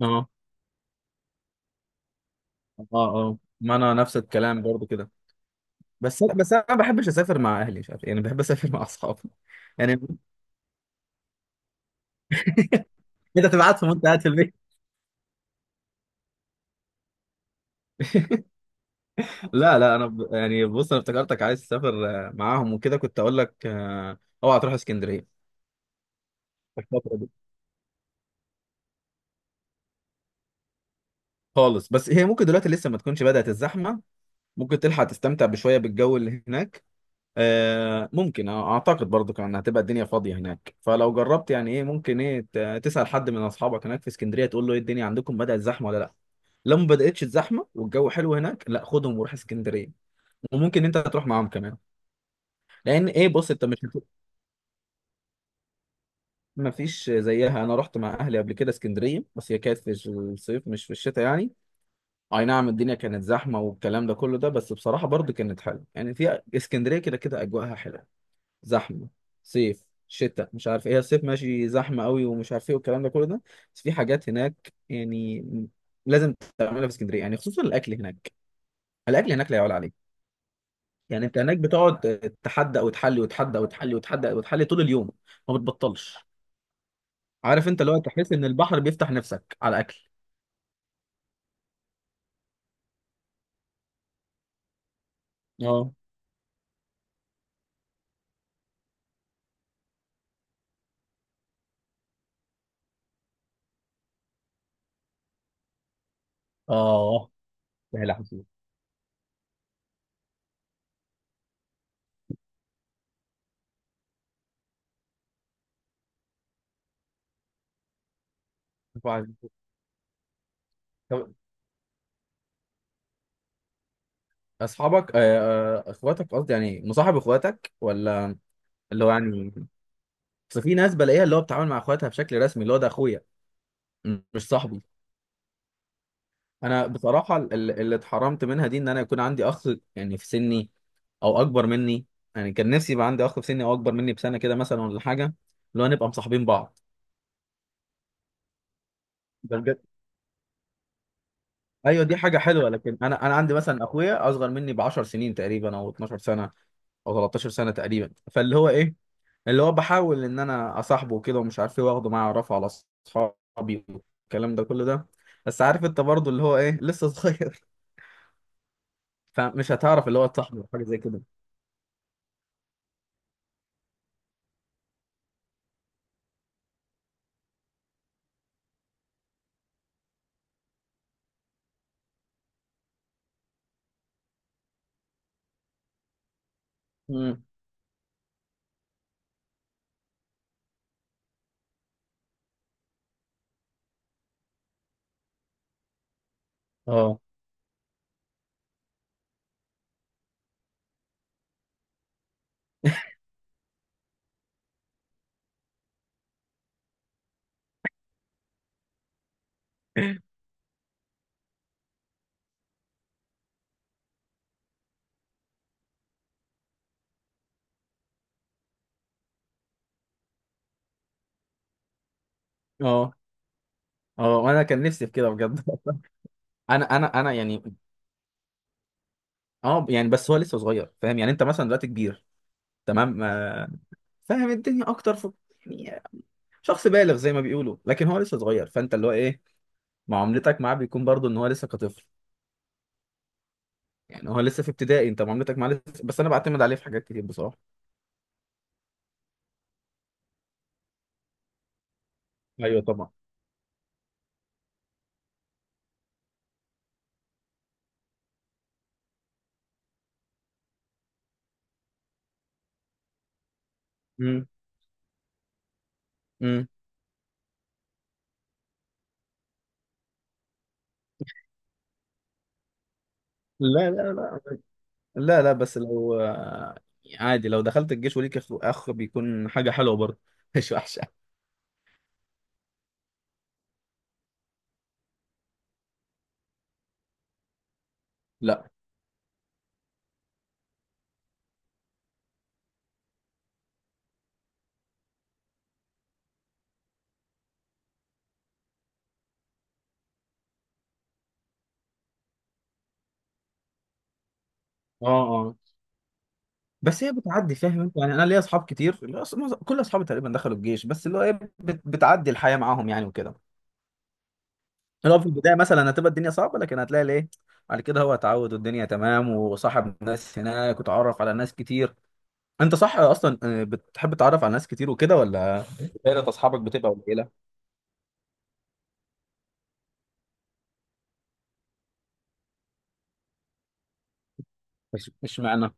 اه اه. ما انا نفس الكلام برضو كده. بس انا ما بحبش اسافر مع اهلي، مش عارف، يعني بحب اسافر مع اصحابي. يعني انت تبعتهم وانت قاعد في البيت. لا لا، انا يعني بص انا افتكرتك عايز تسافر معاهم وكده. كنت اقول لك اوعى تروح اسكندريه الفترة دي خالص. بس هي ممكن دلوقتي لسه ما تكونش بدأت الزحمه، ممكن تلحق تستمتع بشويه بالجو اللي هناك. آه ممكن آه، اعتقد برضو كان هتبقى الدنيا فاضيه هناك، فلو جربت، يعني ايه، ممكن ايه تسال حد من اصحابك هناك في اسكندريه، تقول له ايه الدنيا عندكم بدات زحمه ولا لا. لو ما بداتش الزحمه والجو حلو هناك، لا خدهم وروح اسكندريه. وممكن انت تروح معاهم كمان، لان ايه بص انت مش. ما فيش زيها، انا رحت مع اهلي قبل كده اسكندريه، بس هي كانت في الصيف مش في الشتاء، يعني اي نعم الدنيا كانت زحمه والكلام ده كله ده، بس بصراحه برضو كانت حلوه. يعني في اسكندريه كده كده اجواءها حلوه. زحمه، صيف شتاء مش عارف ايه، الصيف ماشي زحمه قوي ومش عارف ايه والكلام ده كله ده. بس في حاجات هناك يعني لازم تعملها في اسكندريه، يعني خصوصا الاكل هناك. الاكل هناك لا يعلى عليه. يعني انت هناك بتقعد تحدى وتحلي وتحدى وتحلي وتحدى وتحلي طول اليوم، ما بتبطلش. عارف انت، لو تحس ان البحر بيفتح نفسك على الاكل. اه اه، يا لحظة. طب اصحابك اخواتك قصدي، يعني مصاحب اخواتك ولا؟ اللي هو يعني بس في ناس بلاقيها اللي هو بتتعامل مع اخواتها بشكل رسمي، اللي هو ده اخويا، مش صاحبي. انا بصراحه اللي اتحرمت منها دي ان انا يكون عندي اخ يعني في سني او اكبر مني. يعني كان نفسي يبقى عندي اخ في سني او اكبر مني بسنه كده مثلا ولا حاجه، اللي هو نبقى مصاحبين بعض. ده بجد؟ ايوه، دي حاجه حلوه. لكن انا عندي مثلا اخويا اصغر مني ب 10 سنين تقريبا، او 12 سنه او 13 سنه تقريبا. فاللي هو ايه، اللي هو بحاول ان انا اصاحبه وكده ومش عارف ايه، واخده معايا اعرفه على اصحابي والكلام ده كله ده. بس عارف انت برضه، اللي هو ايه، لسه صغير فمش هتعرف اللي هو تصاحبه أو حاجه زي كده. امم، اه اه اه، وانا كان نفسي في كده بجد انا يعني، اه يعني بس هو لسه صغير. فاهم يعني، انت مثلا دلوقتي كبير، تمام، فاهم الدنيا اكتر في، يعني شخص بالغ زي ما بيقولوا، لكن هو لسه صغير. فانت اللي هو ايه معاملتك معاه بيكون برضه ان هو لسه كطفل. يعني هو لسه في ابتدائي، انت معاملتك معاه لسه. بس انا بعتمد عليه في حاجات كتير بصراحه. ايوه طبعا. امم امم لا لا لا لا لا، بس لو عادي، لو دخلت الجيش وليك اخ أخ بيكون حاجه حلوه برضه مش وحشه. لا اه اه، بس هي بتعدي. فاهم انت يعني، انا ليا اصحاب كتير، اللي هو كل اصحابي تقريبا دخلوا الجيش، بس اللي هو ايه بتعدي الحياه معاهم يعني وكده. اللي هو في البدايه مثلا هتبقى الدنيا صعبه، لكن هتلاقي الايه بعد كده هو اتعود والدنيا تمام، وصاحب ناس هناك وتعرف على ناس كتير. انت صح اصلا، بتحب تتعرف على ناس كتير وكده، ولا دايرة اصحابك بتبقى قليله؟ مش معنى.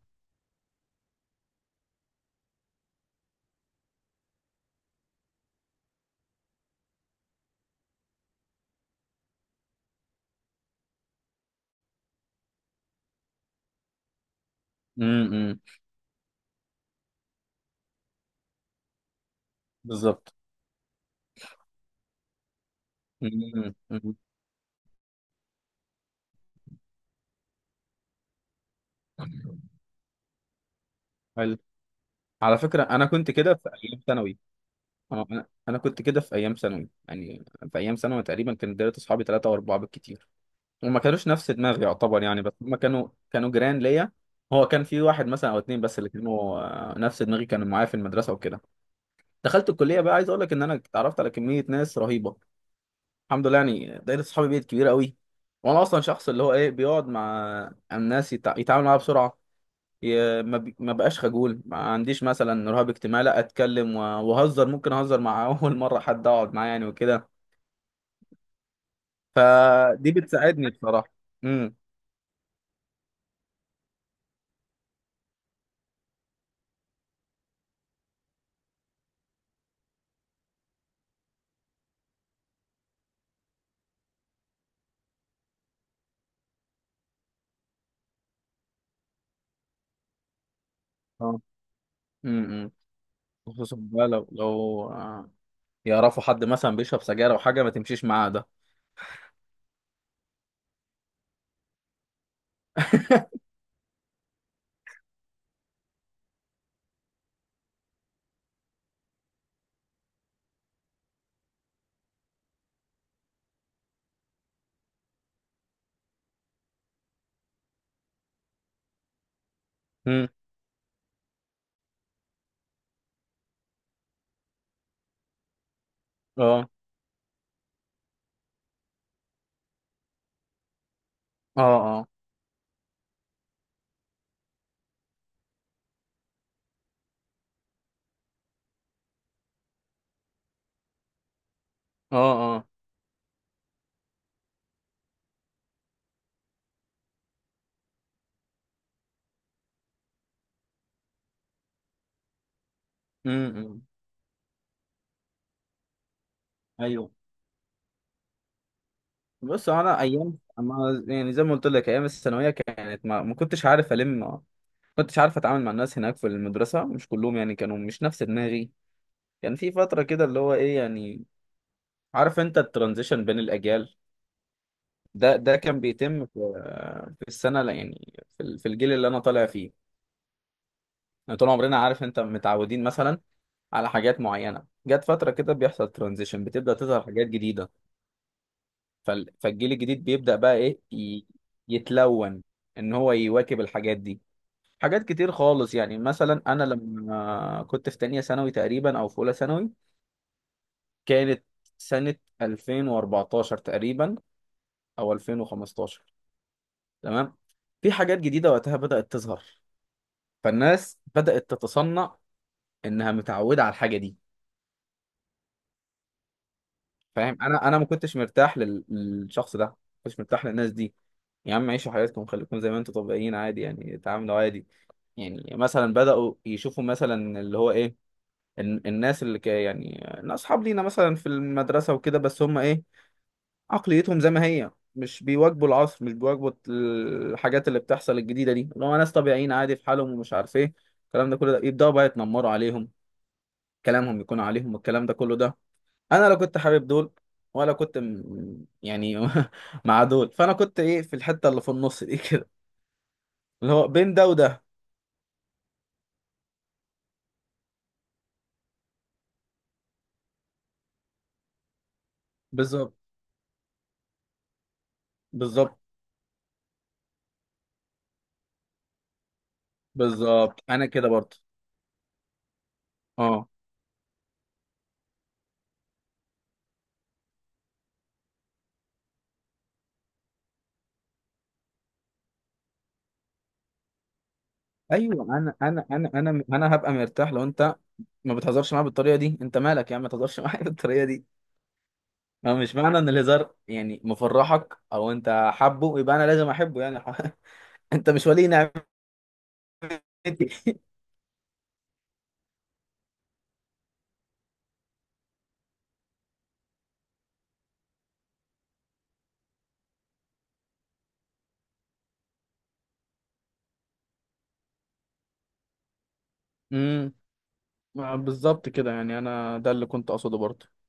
امم امم. بالظبط. أمم. امم. حلو. على فكره انا كنت كده في ايام ثانوي. اه، انا كنت كده في ايام ثانوي، يعني في ايام ثانوي تقريبا كان دايره اصحابي ثلاثه واربعه بالكتير. وما كانوش نفس دماغي يعتبر، يعني بس هم كانوا جيران ليا. هو كان في واحد مثلا او اتنين بس اللي كانوا نفس دماغي، كانوا معايا في المدرسه وكده. دخلت الكليه بقى، عايز اقول لك ان انا اتعرفت على كميه ناس رهيبه. الحمد لله، يعني دايرة صحابي بقت كبيرة قوي. وانا اصلا شخص اللي هو ايه بيقعد مع الناس يتعامل معاها بسرعة. ي... ما, بي... ما بقاش خجول، ما عنديش مثلا رهاب اجتماعي، لا اتكلم وهزر، ممكن اهزر مع اول مرة حد اقعد معاه يعني وكده. فدي بتساعدني بصراحة. امم اه امم خصوصا بقى لو لو يعرفوا حد مثلا بيشرب سجاير او حاجة ما تمشيش معاه ده. امم اه اه اه اه اه امم ايوه، بص هو انا ايام، اما يعني زي ما قلت لك ايام الثانويه كانت ما كنتش عارف، ما كنتش عارف اتعامل مع الناس هناك في المدرسه، مش كلهم يعني كانوا مش نفس دماغي. كان في فتره كده، اللي هو ايه، يعني عارف انت الترانزيشن بين الاجيال، ده كان بيتم في، في السنه لا يعني في الجيل اللي انا طالع فيه. يعني طول عمرنا عارف انت متعودين مثلا على حاجات معينه، جت فتره كده بيحصل ترانزيشن، بتبدا تظهر حاجات جديده. فالجيل الجديد بيبدا بقى ايه، يتلون، ان هو يواكب الحاجات دي. حاجات كتير خالص، يعني مثلا انا لما كنت في تانية ثانوي تقريبا او في اولى ثانوي، كانت سنة 2014 تقريبا او 2015، تمام. في حاجات جديدة وقتها بدأت تظهر، فالناس بدأت تتصنع انها متعودة على الحاجة دي. فاهم، انا ما كنتش مرتاح للشخص ده، ما كنتش مرتاح للناس دي. يا عم عيشوا حياتكم، خليكم زي ما انتم طبيعيين عادي، يعني اتعاملوا عادي. يعني مثلا بدأوا يشوفوا مثلا، اللي هو ايه، الناس اللي يعني اصحاب لينا مثلا في المدرسه وكده، بس هم ايه عقليتهم زي ما هي، مش بيواجبوا العصر، مش بيواجبوا الحاجات اللي بتحصل الجديده دي، اللي هو ناس طبيعيين عادي في حالهم ومش عارف ايه الكلام ده كله ده. يبداوا بقى يتنمروا عليهم، كلامهم يكون عليهم والكلام ده كله ده. انا لو كنت حابب دول ولا كنت يعني مع دول، فانا كنت ايه في الحته اللي في النص دي كده، اللي هو بين ده وده. بالظبط. بالظبط، بالظبط، انا كده برضه. اه ايوه، انا هبقى مرتاح لو انت ما بتهزرش معايا بالطريقه دي. انت مالك يا عم، ما تهزرش معايا بالطريقه دي. ما هو مش معنى ان الهزار يعني مفرحك او انت حابه، يبقى انا لازم احبه يعني انت مش ولي نعمتي. امم، بالظبط كده، يعني انا ده اللي كنت اقصده برضه.